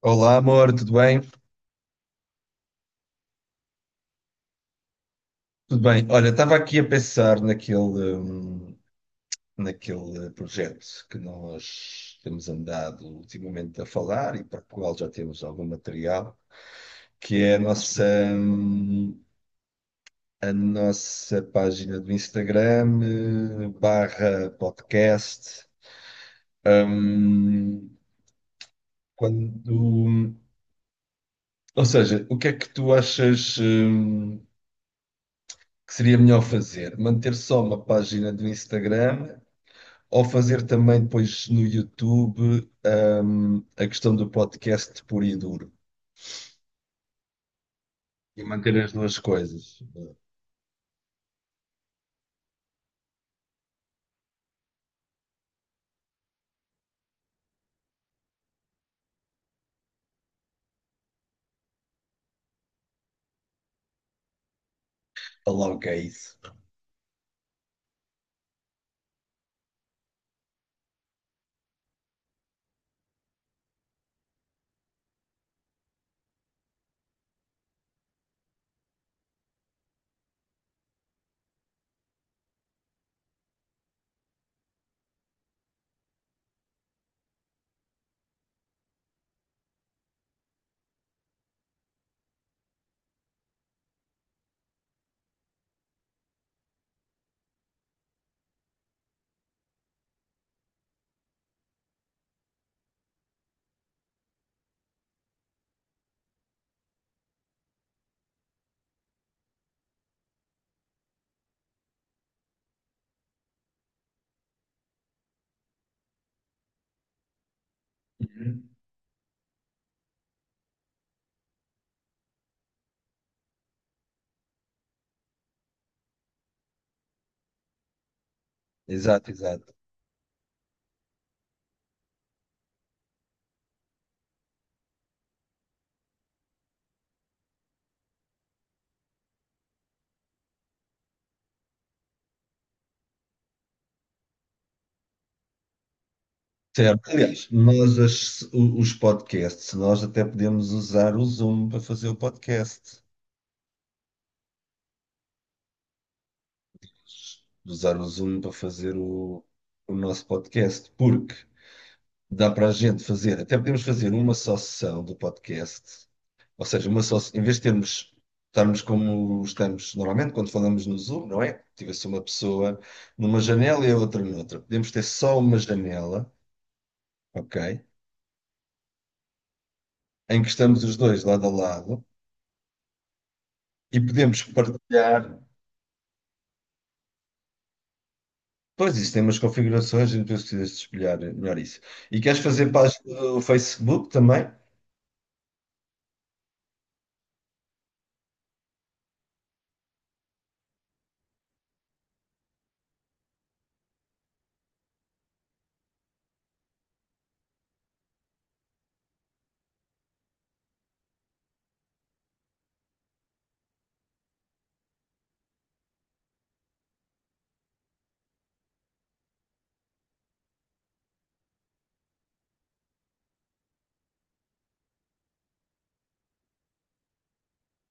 Olá, amor, tudo bem? Tudo bem. Olha, estava aqui a pensar hum, naquele projeto que nós temos andado ultimamente a falar e para o qual já temos algum material, que é a nossa, a nossa página do Instagram, barra podcast. Hum, quando, ou seja, o que é que tu achas, que seria melhor fazer? Manter só uma página do Instagram? Ou fazer também depois no YouTube, a questão do podcast puro e duro. E manter as duas coisas. Aloca isso. Uhum. Exato, exato. Certo. Aliás, os podcasts, nós até podemos usar o Zoom para fazer o podcast. Usar o Zoom para fazer o nosso podcast, porque dá para a gente fazer, até podemos fazer uma só sessão do podcast. Ou seja, uma só, em vez de termos, estarmos como estamos normalmente quando falamos no Zoom, não é? Tivesse uma pessoa numa janela e a outra noutra. Podemos ter só uma janela, ok? Em que estamos os dois lado a lado e podemos partilhar. Pois isso tem umas configurações, e depois precisas de espelhar melhor isso. E queres fazer página no Facebook também?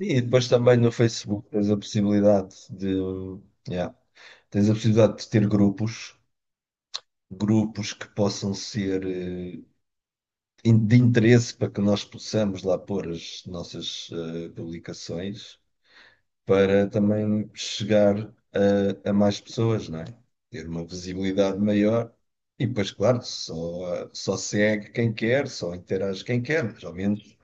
Sim, e depois também no Facebook tens a possibilidade de, yeah, tens a possibilidade de ter grupos, grupos que possam ser de interesse para que nós possamos lá pôr as nossas publicações, para também chegar a mais pessoas, não é? Ter uma visibilidade maior. E depois, claro, só, só segue quem quer, só interage quem quer, mas ao menos.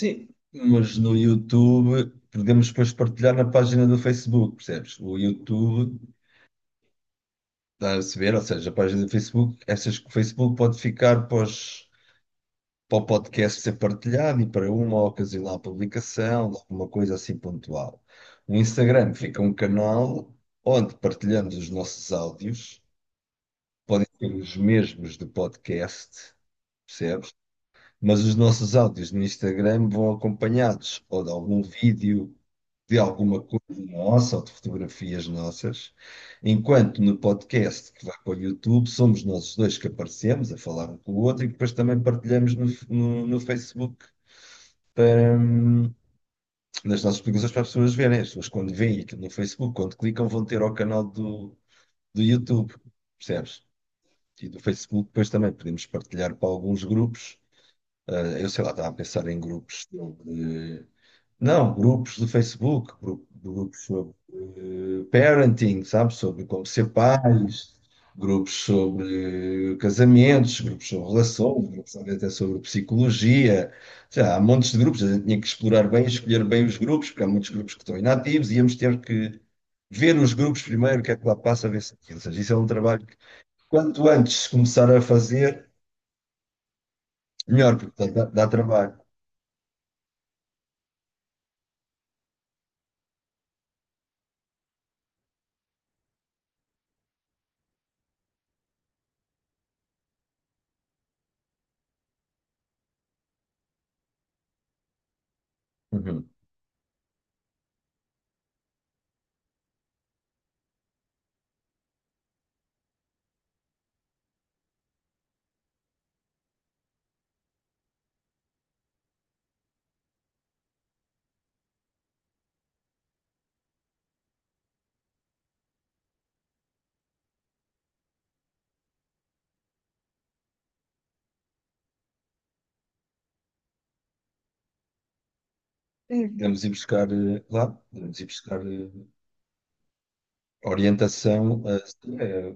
Sim, mas no YouTube podemos depois partilhar na página do Facebook, percebes? O YouTube dá a saber, ou seja, a página do Facebook, essas que o Facebook pode ficar pós para o podcast ser partilhado e para uma ocasional publicação, de alguma coisa assim pontual. No Instagram fica um canal onde partilhamos os nossos áudios, podem ser os mesmos do podcast, percebes? Mas os nossos áudios no Instagram vão acompanhados ou de algum vídeo, de alguma coisa nossa ou de fotografias nossas, enquanto no podcast que vai para o YouTube somos nós os dois que aparecemos a falar um com o outro e que depois também partilhamos no Facebook para, nas nossas publicações para as pessoas verem. As pessoas, quando veem aquilo no Facebook, quando clicam, vão ter ao canal do YouTube, percebes? E do Facebook, depois também podemos partilhar para alguns grupos. Ah, eu sei lá, estava a pensar em grupos de, não, grupos do Facebook, grupos sobre parenting, sabe? Sobre como ser pais, grupos sobre casamentos, grupos sobre relações, grupos talvez até sobre psicologia. Já, há montes de grupos, a gente tinha que explorar bem, escolher bem os grupos, porque há muitos grupos que estão inativos, e íamos ter que ver os grupos primeiro, o que é que lá passa, ver se aquilo. Ou seja, isso é um trabalho que quanto antes começar a fazer, melhor, porque dá trabalho. Uhum. Vamos ir vamos ir buscar, orientação, eh,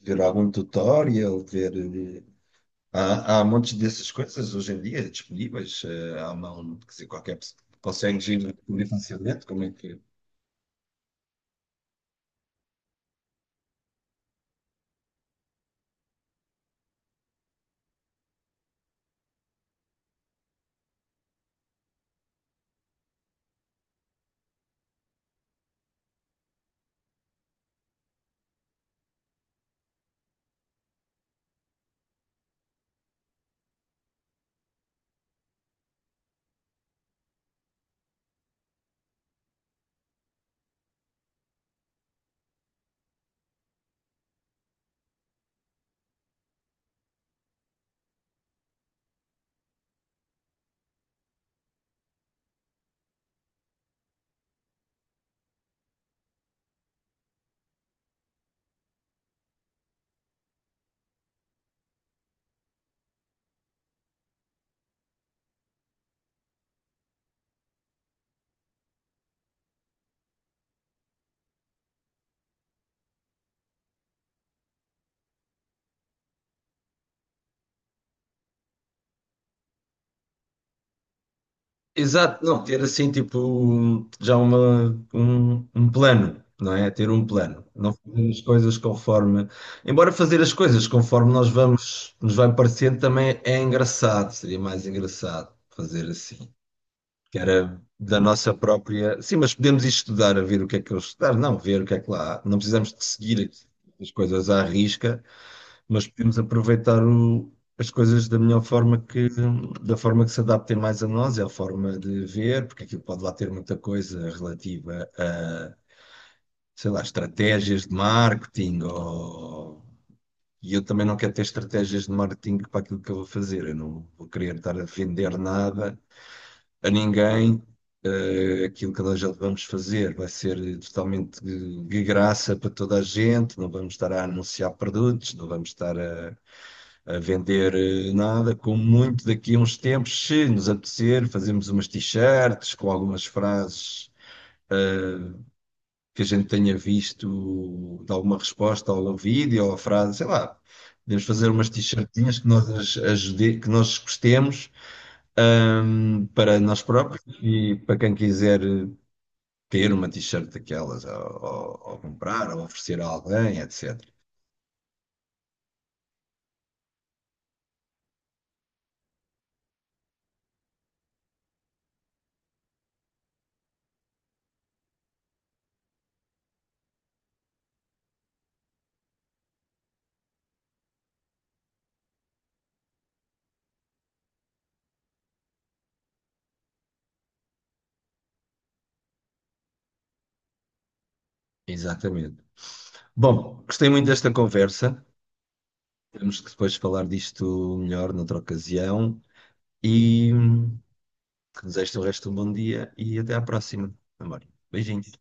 ver algum tutorial, eh, Há montes dessas coisas hoje em dia disponíveis. Há quer dizer, qualquer pessoa consegue descobrir facilmente como é que. Exato, não, ter assim, tipo, um plano, não é? Ter um plano. Não fazer as coisas conforme. Embora fazer as coisas conforme nós vamos, nos vai parecendo também é engraçado, seria mais engraçado fazer assim. Que era da nossa própria. Sim, mas podemos ir estudar a ver o que é que eles estudar, não, ver o que é que lá há. Não precisamos de seguir as coisas à risca, mas podemos aproveitar as coisas da melhor forma que, da forma que se adaptem mais a nós, é a forma de ver, porque aquilo pode lá ter muita coisa relativa a, sei lá, estratégias de marketing ou. E eu também não quero ter estratégias de marketing para aquilo que eu vou fazer. Eu não vou querer estar a vender nada a ninguém. Eh, aquilo que nós vamos fazer vai ser totalmente de graça para toda a gente, não vamos estar a anunciar produtos, não vamos estar a vender nada. Como muito daqui a uns tempos, se nos apetecer, fazemos umas t-shirts com algumas frases que a gente tenha visto de alguma resposta ao vídeo ou a frase, sei lá. Podemos fazer umas t-shirtinhas que ajude, que nós gostemos, para nós próprios e para quem quiser ter uma t-shirt daquelas, ou comprar, ou oferecer a alguém, etc. Exatamente. Bom, gostei muito desta conversa. Temos que depois falar disto melhor noutra ocasião. E desejo-te o resto de um bom dia e até à próxima, amor. Beijinhos.